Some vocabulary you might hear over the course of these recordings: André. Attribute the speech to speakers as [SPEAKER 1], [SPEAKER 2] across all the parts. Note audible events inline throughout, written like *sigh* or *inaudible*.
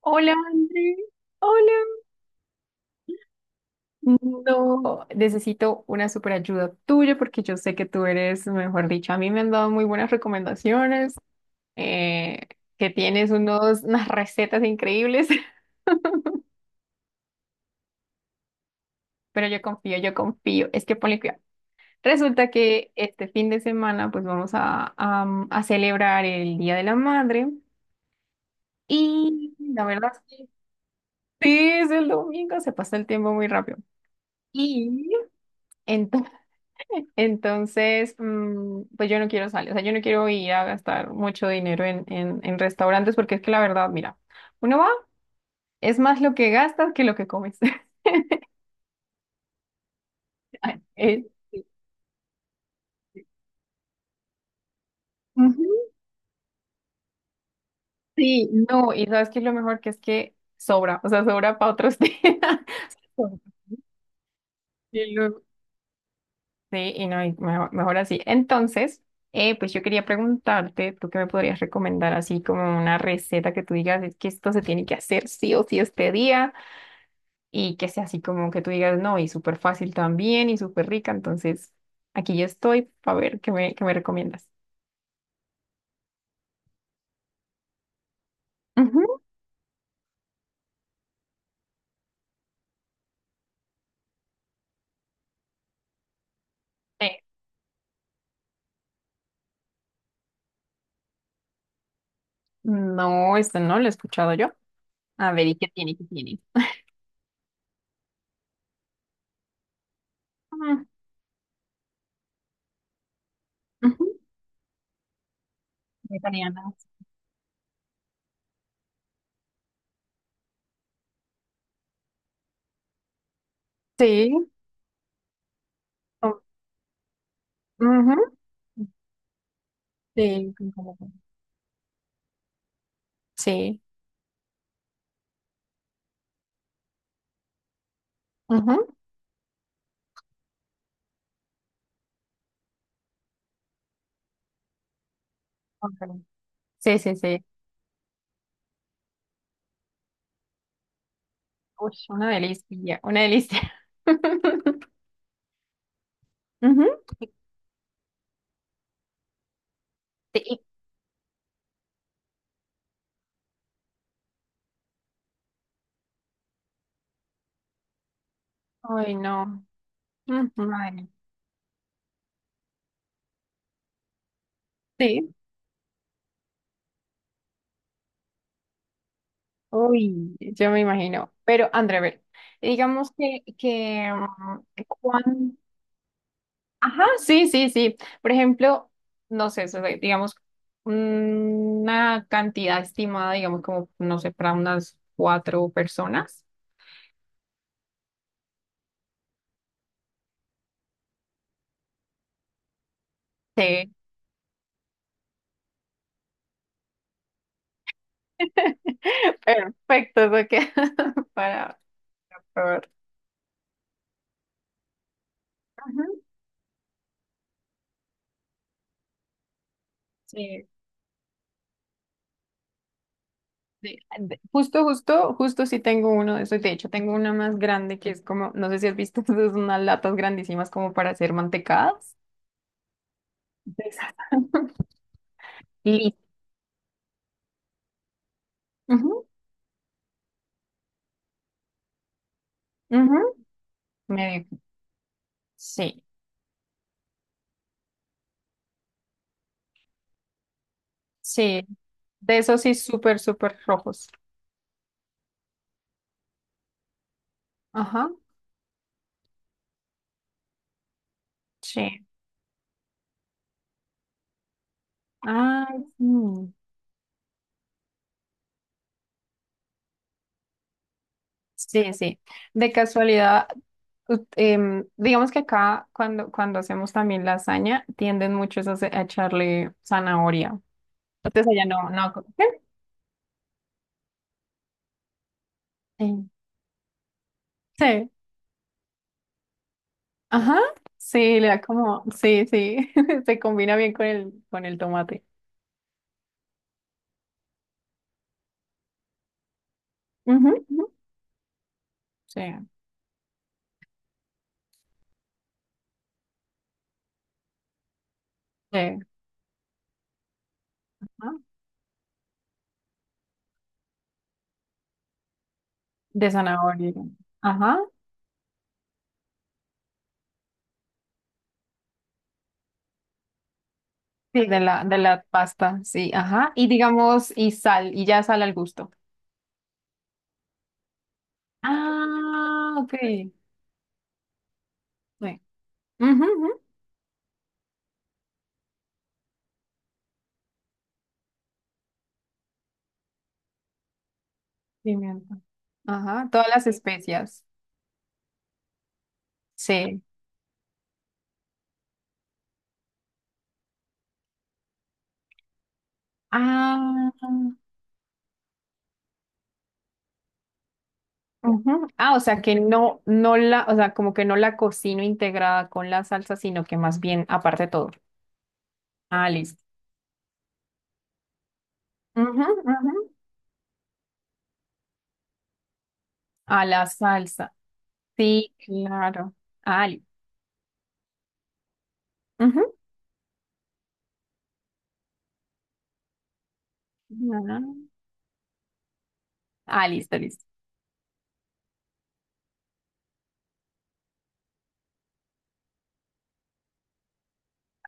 [SPEAKER 1] Hola, André. Hola. No, necesito una super ayuda tuya porque yo sé que tú eres, mejor dicho, a mí me han dado muy buenas recomendaciones, eh, que tienes *laughs* unas recetas increíbles, *laughs* pero yo confío, yo confío. Es que ponle cuidado. Resulta que este fin de semana pues vamos a celebrar el Día de la Madre y la verdad es que sí, es el domingo, se pasa el tiempo muy rápido. Y entonces. Entonces, pues yo no quiero salir, o sea, yo no quiero ir a gastar mucho dinero en restaurantes porque es que la verdad, mira, uno va, es más lo que gastas que lo que comes. *laughs* Ay, sí. Ujú. Sí, no, y sabes que lo mejor que es que sobra, o sea, sobra para otros días. *laughs* Sobra. Y luego- Sí, y no, y mejor, mejor así. Entonces, pues yo quería preguntarte, ¿tú qué me podrías recomendar así como una receta que tú digas, es que esto se tiene que hacer sí o sí este día? Y que sea así como que tú digas, no, y súper fácil también y súper rica. Entonces, aquí yo estoy para ver qué me recomiendas. Ujú. Eh, No, este no lo he escuchado yo. A ver, ¿y qué tiene? ¿Qué tiene? Ah, ujú. Vegetarianas. Sí. Oh, ujú. Sí, Sí. Ujú. Colofón. Sí, sí, sí. Uy, una delicia, una delicia. *laughs* Ujú. Sí, ay, no. Ujú. Madre. Sí. Uy, yo me imagino. Pero, André, a ver, digamos que Ajá, sí, sí, sí. Por ejemplo, no sé, digamos, una cantidad estimada, digamos, como, no sé, para unas cuatro personas. Sí, *laughs* perfecto, eso queda *laughs* para probar. Ajá, sí, sí. Justo, justo, justo sí tengo uno de esos. De hecho, tengo una más grande que es como, no sé si has visto, *laughs* esas son unas latas grandísimas como para hacer mantecadas. Exacto. Listo. Ujú, ujú, medio. Sí, sí. De esos sí, súper, súper rojos. Ajá. Sí. Ay, sí. Sí, sí. De casualidad, ut- digamos que acá cuando hacemos también lasaña, tienden muchos a, a echarle zanahoria. Entonces allá no, no. ¿Qué? Eh, Sí. Ajá. Sí, le da como, sí, sí. *laughs* Se combina bien con el tomate. Ujú, ujú. Sí. Sí. De zanahoria. Ajá. Sí, de la pasta, sí, ajá. Y digamos, y sal, y ya sal al gusto. Ah, ok. Sí. Ujú, ujú. Pimienta. Ajá, todas las especias. Sí. Ah, ujú. Ah, o sea que no, no la, o sea, como que no la cocino integrada con la salsa, sino que más bien aparte de todo. Ah, listo. Ujú, ujú. A la salsa. Sí, claro. Ah, ujú. Ah, ah, listo, listo.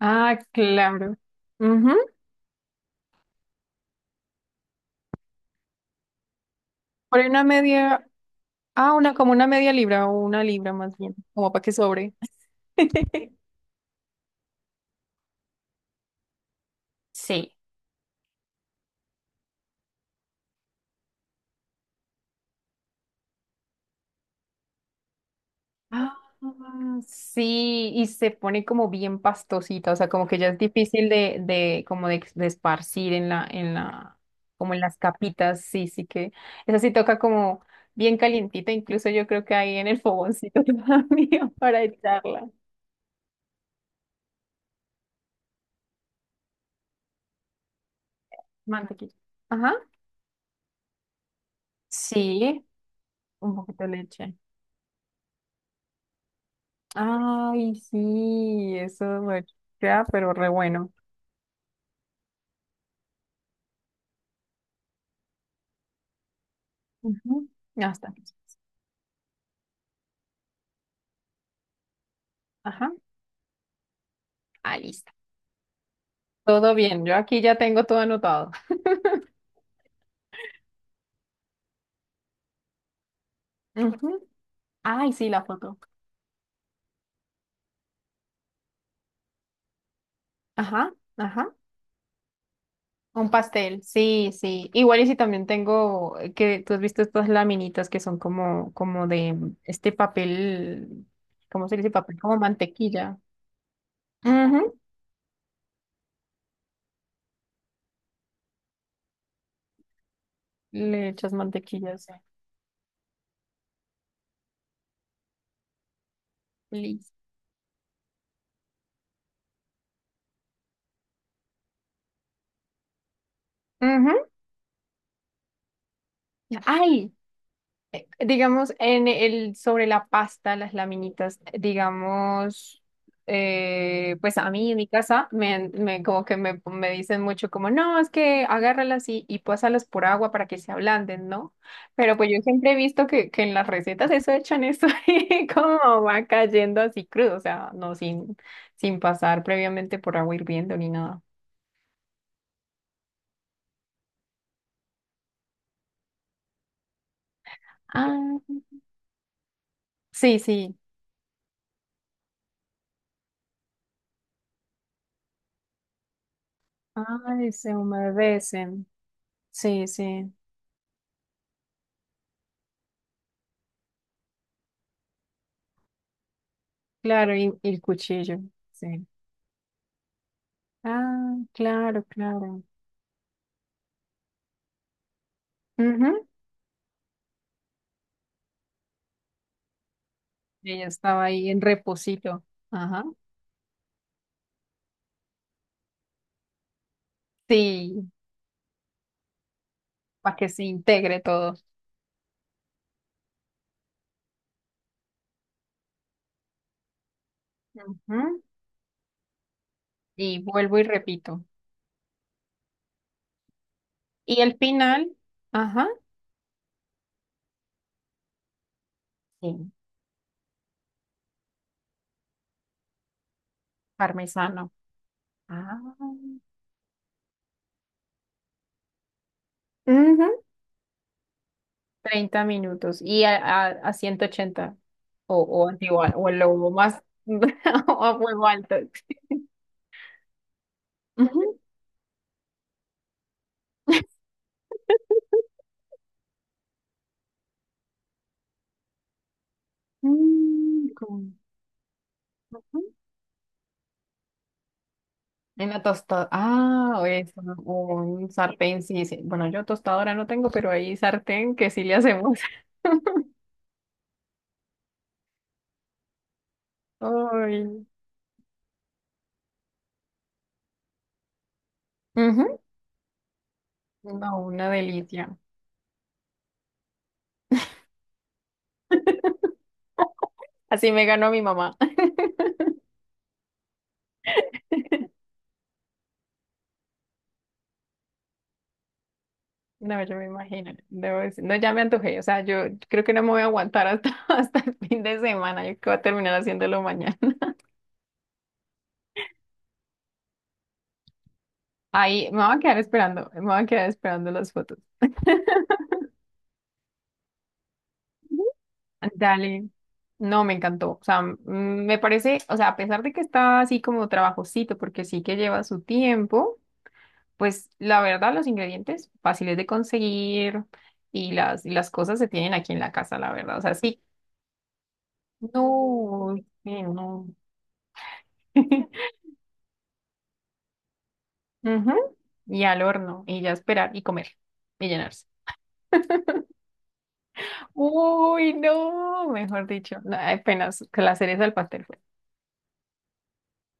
[SPEAKER 1] Ah, claro. Ujú. Por ahí una media, una como una media libra o una libra más bien, como para que sobre. *laughs* Sí. Ah, sí, y se pone como bien pastosita, o sea, como que ya es difícil de como de esparcir en la, como en las capitas, sí, sí que, esa sí toca como bien calientita, incluso yo creo que ahí en el fogoncito *laughs* todavía para echarla. Mantequilla. Ajá, sí, un poquito de leche. Ay, sí, eso bueno, ya, pero re bueno. Ujú, ya está. Ajá. Ah, listo. Todo bien, yo aquí ya tengo todo anotado. *laughs* Ujú. Ay, sí, la foto. Ajá, ajá. Un pastel, sí, sí. Igual y si también tengo, que tú has visto estas laminitas que son como de este papel, ¿cómo se dice? Papel como mantequilla. Ujú. Le echas mantequilla, sí. Listo. Ujú. Ay, digamos, sobre la pasta, las laminitas, digamos, pues a mí en mi casa como que me dicen mucho como, no, es que agárralas y pásalas por agua para que se ablanden, ¿no? Pero pues yo siempre he visto que en las recetas eso echan eso *laughs* y como va cayendo así crudo, o sea, no sin, sin pasar previamente por agua hirviendo ni nada. Ah, sí, sí. Ay, se humedecen. Sí, sí. Claro, y el cuchillo. Sí. Ah, claro, claro. Ujú. Y ella estaba ahí en reposito. Ajá. Sí, para que se integre todo. Ujú. Y vuelvo y repito. Y el final, ajá, sí, parmesano. Ah. Ujú. 30 minutos y a 180 o, o el lobo más *laughs* o a fuego alto. Ujú. Mm, con- En la tostadora. Ah, o es un sartén, sí, sí. Bueno, yo tostadora no tengo, pero hay sartén que sí le hacemos. *laughs* Ay. Ujú. No, una delicia. Así me ganó mi mamá. *laughs* No, yo me imagino. No, ya me antojé. O sea, yo creo que no me voy a aguantar hasta, *laughs* hasta el fin de semana. Yo creo que voy a terminar haciéndolo mañana. *laughs* Ahí me voy a quedar esperando. Me voy a quedar esperando las fotos. Dale. No, me encantó. O sea, me parece, o sea, a pesar de que está así como trabajosito, porque sí que lleva su tiempo, pues la verdad los ingredientes fáciles de conseguir y las cosas se tienen aquí en la casa, la verdad. O sea, sí. No, sí, no. *laughs* Ujú. Y al horno, y ya esperar y comer y llenarse. Uy, no, mejor dicho, no, apenas que la cereza del pastel fue.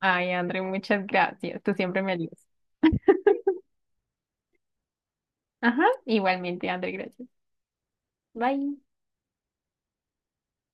[SPEAKER 1] Ay, André, muchas gracias. Tú siempre me ayudas. Ajá, igualmente, André, gracias. Bye.